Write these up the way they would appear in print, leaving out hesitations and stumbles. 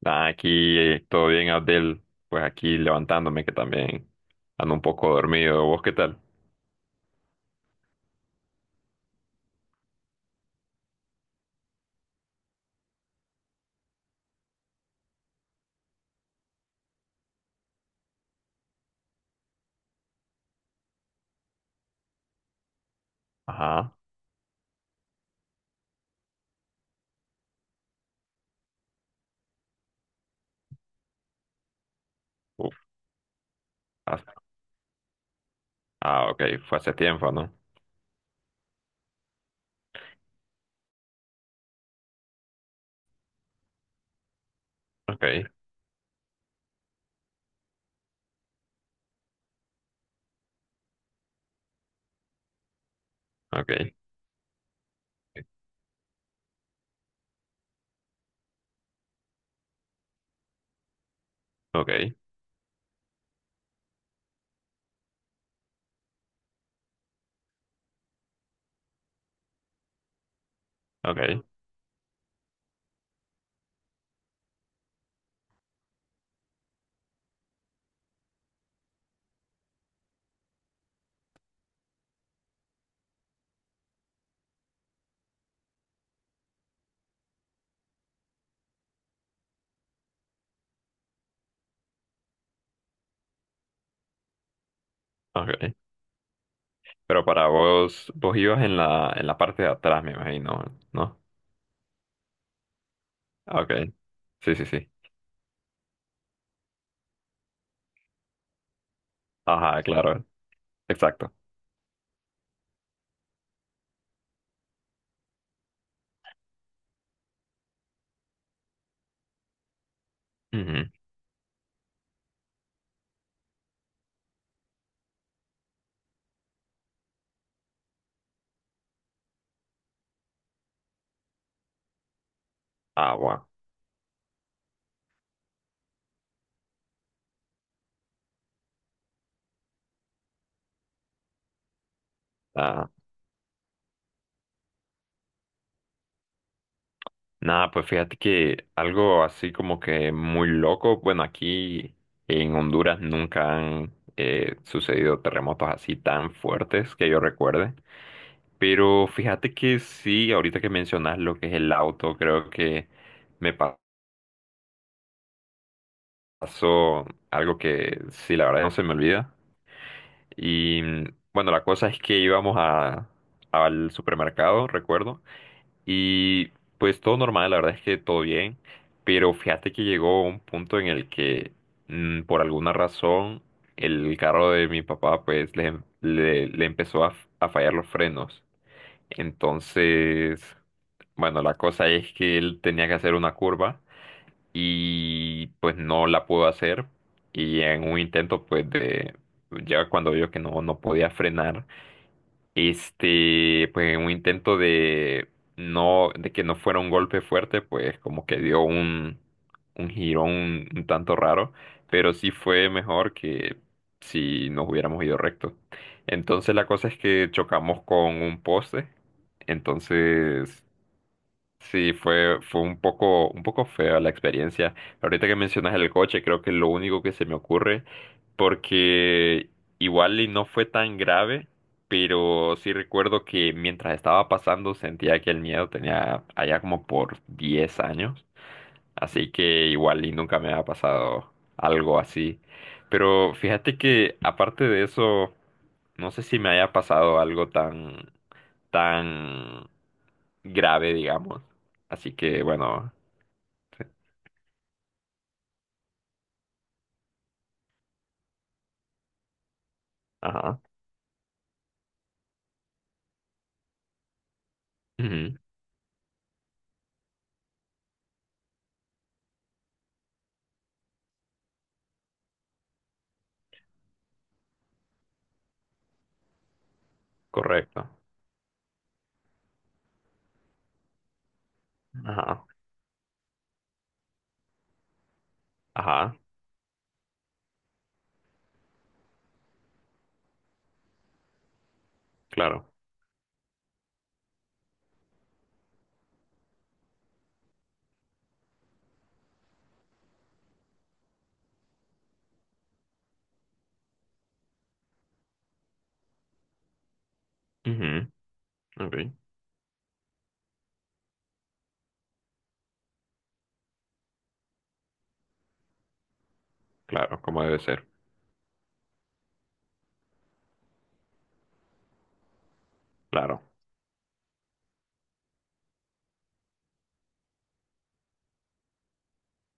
Nah, aquí todo bien, Abdel. Pues aquí levantándome, que también ando un poco dormido. ¿Vos qué tal? Ajá. Uf, has- ah, ok. Fue hace tiempo, ¿no? Ok, ok, ok, ok, ok. Pero para vos, vos ibas en la parte de atrás, me imagino, ¿no? Ah, ok. Sí, sí, sí. Ajá, claro. Exacto. Ujú. Ah, bueno. Ah. Nada, pues fíjate que algo así como que muy loco, bueno, aquí en Honduras nunca han sucedido terremotos así tan fuertes que yo recuerde, pero fíjate que sí, ahorita que mencionas lo que es el auto, creo que me pa- pasó algo que sí, la verdad no se me olvida. Y bueno, la cosa es que íbamos a, al supermercado, recuerdo, y pues todo normal, la verdad es que todo bien, pero fíjate que llegó un punto en el que por alguna razón el carro de mi papá pues le empezó a fallar los frenos. Entonces, bueno, la cosa es que él tenía que hacer una curva y pues no la pudo hacer y en un intento pues de, ya cuando vio que no, no podía frenar este, pues en un intento de no, de que no fuera un golpe fuerte, pues como que dio un girón un tanto raro, pero sí fue mejor que si nos hubiéramos ido recto. Entonces la cosa es que chocamos con un poste, entonces sí, fue, fue un poco fea la experiencia. Ahorita que mencionas el coche, creo que es lo único que se me ocurre, porque igual y no fue tan grave, pero sí recuerdo que mientras estaba pasando sentía que el miedo tenía allá como por 10 años. Así que igual y nunca me ha pasado algo así. Pero fíjate que aparte de eso, no sé si me haya pasado algo tan, tan grave, digamos. Así que bueno, sí. Ajá. Ujú. Correcto. Ajá. Ajá. Claro. Ujú. Ok. Claro, como debe ser. Claro.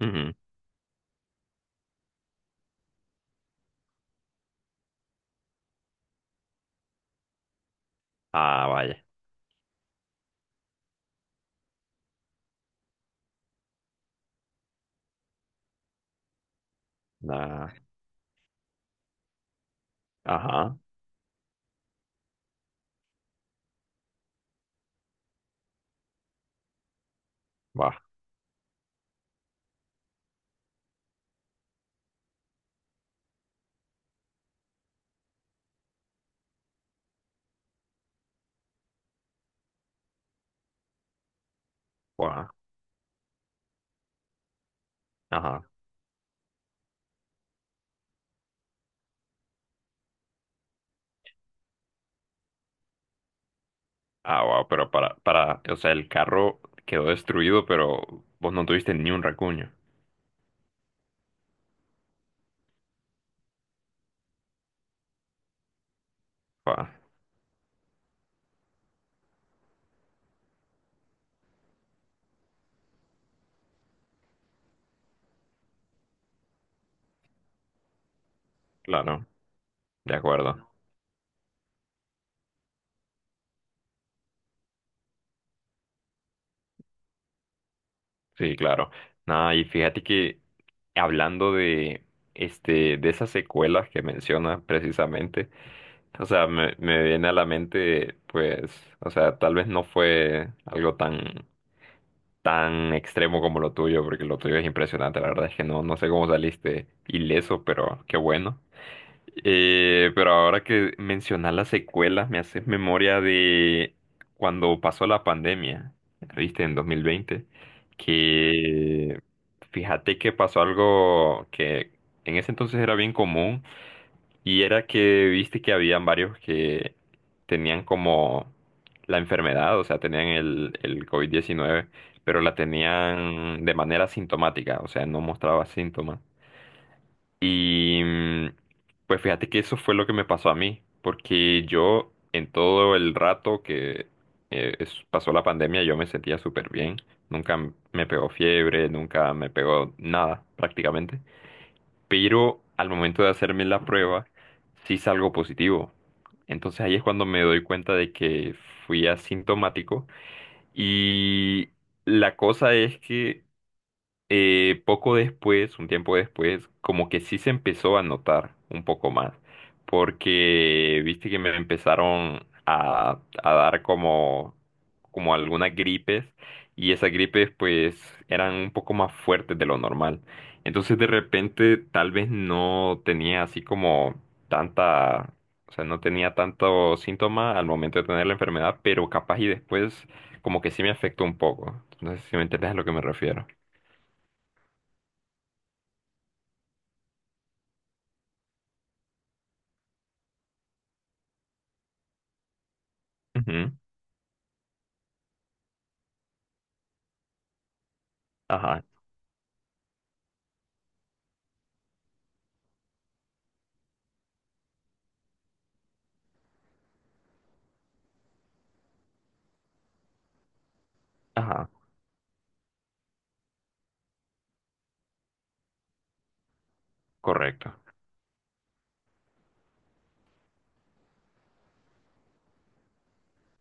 Ujú. Ah, vaya. Ah, ajá. Va. Va, ajá. Ah, wow, pero para, o sea, el carro quedó destruido, pero vos no tuviste ni un racuño. Ah, claro, de acuerdo. Sí, claro. Nada, y fíjate que hablando de, este, de esas secuelas que mencionas precisamente, o sea, me viene a la mente, pues, o sea, tal vez no fue algo tan, tan extremo como lo tuyo, porque lo tuyo es impresionante, la verdad es que no, no sé cómo saliste ileso, pero qué bueno. Pero ahora que mencionas las secuelas, me haces memoria de cuando pasó la pandemia, viste, en 2020, que fíjate que pasó algo que en ese entonces era bien común y era que viste que habían varios que tenían como la enfermedad, o sea, tenían el COVID-19, pero la tenían de manera sintomática, o sea, no mostraba síntomas. Y pues fíjate que eso fue lo que me pasó a mí, porque yo en todo el rato que pasó la pandemia yo me sentía súper bien, nunca m- me pegó fiebre, nunca me pegó nada prácticamente, pero al momento de hacerme la prueba sí salgo positivo. Entonces ahí es cuando me doy cuenta de que fui asintomático y la cosa es que poco después, un tiempo después, como que sí se empezó a notar un poco más, porque viste que me empezaron a dar como, como algunas gripes y esas gripes pues eran un poco más fuertes de lo normal. Entonces de repente tal vez no tenía así como tanta, o sea, no tenía tanto síntoma al momento de tener la enfermedad, pero capaz y después como que sí me afectó un poco. No sé si me entiendes a lo que me refiero. Ujú. Ajá, ajá, correcto.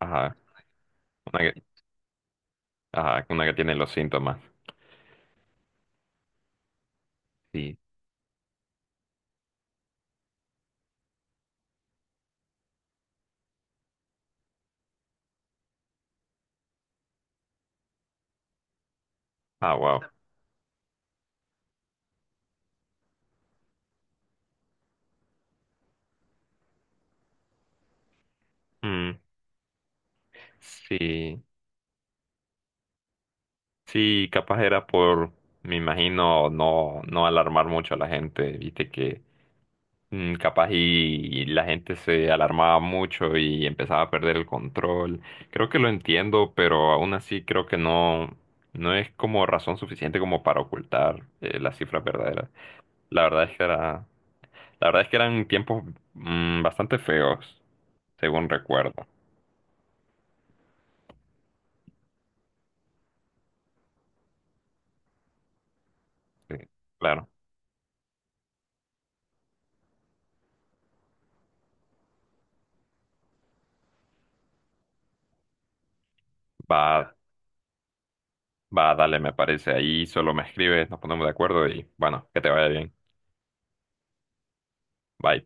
Ajá, una que, ajá, una que tiene los síntomas. Sí. Ah, wow. Mm, sí, sí, capaz era por, me imagino, no, no alarmar mucho a la gente, viste que capaz y la gente se alarmaba mucho y empezaba a perder el control. Creo que lo entiendo, pero aún así creo que no, no es como razón suficiente como para ocultar las cifras verdaderas. La verdad es que era la verdad es que eran tiempos bastante feos, según recuerdo. Sí, claro. Va, va, dale, me parece. Ahí solo me escribes, nos ponemos de acuerdo y bueno, que te vaya bien. Bye.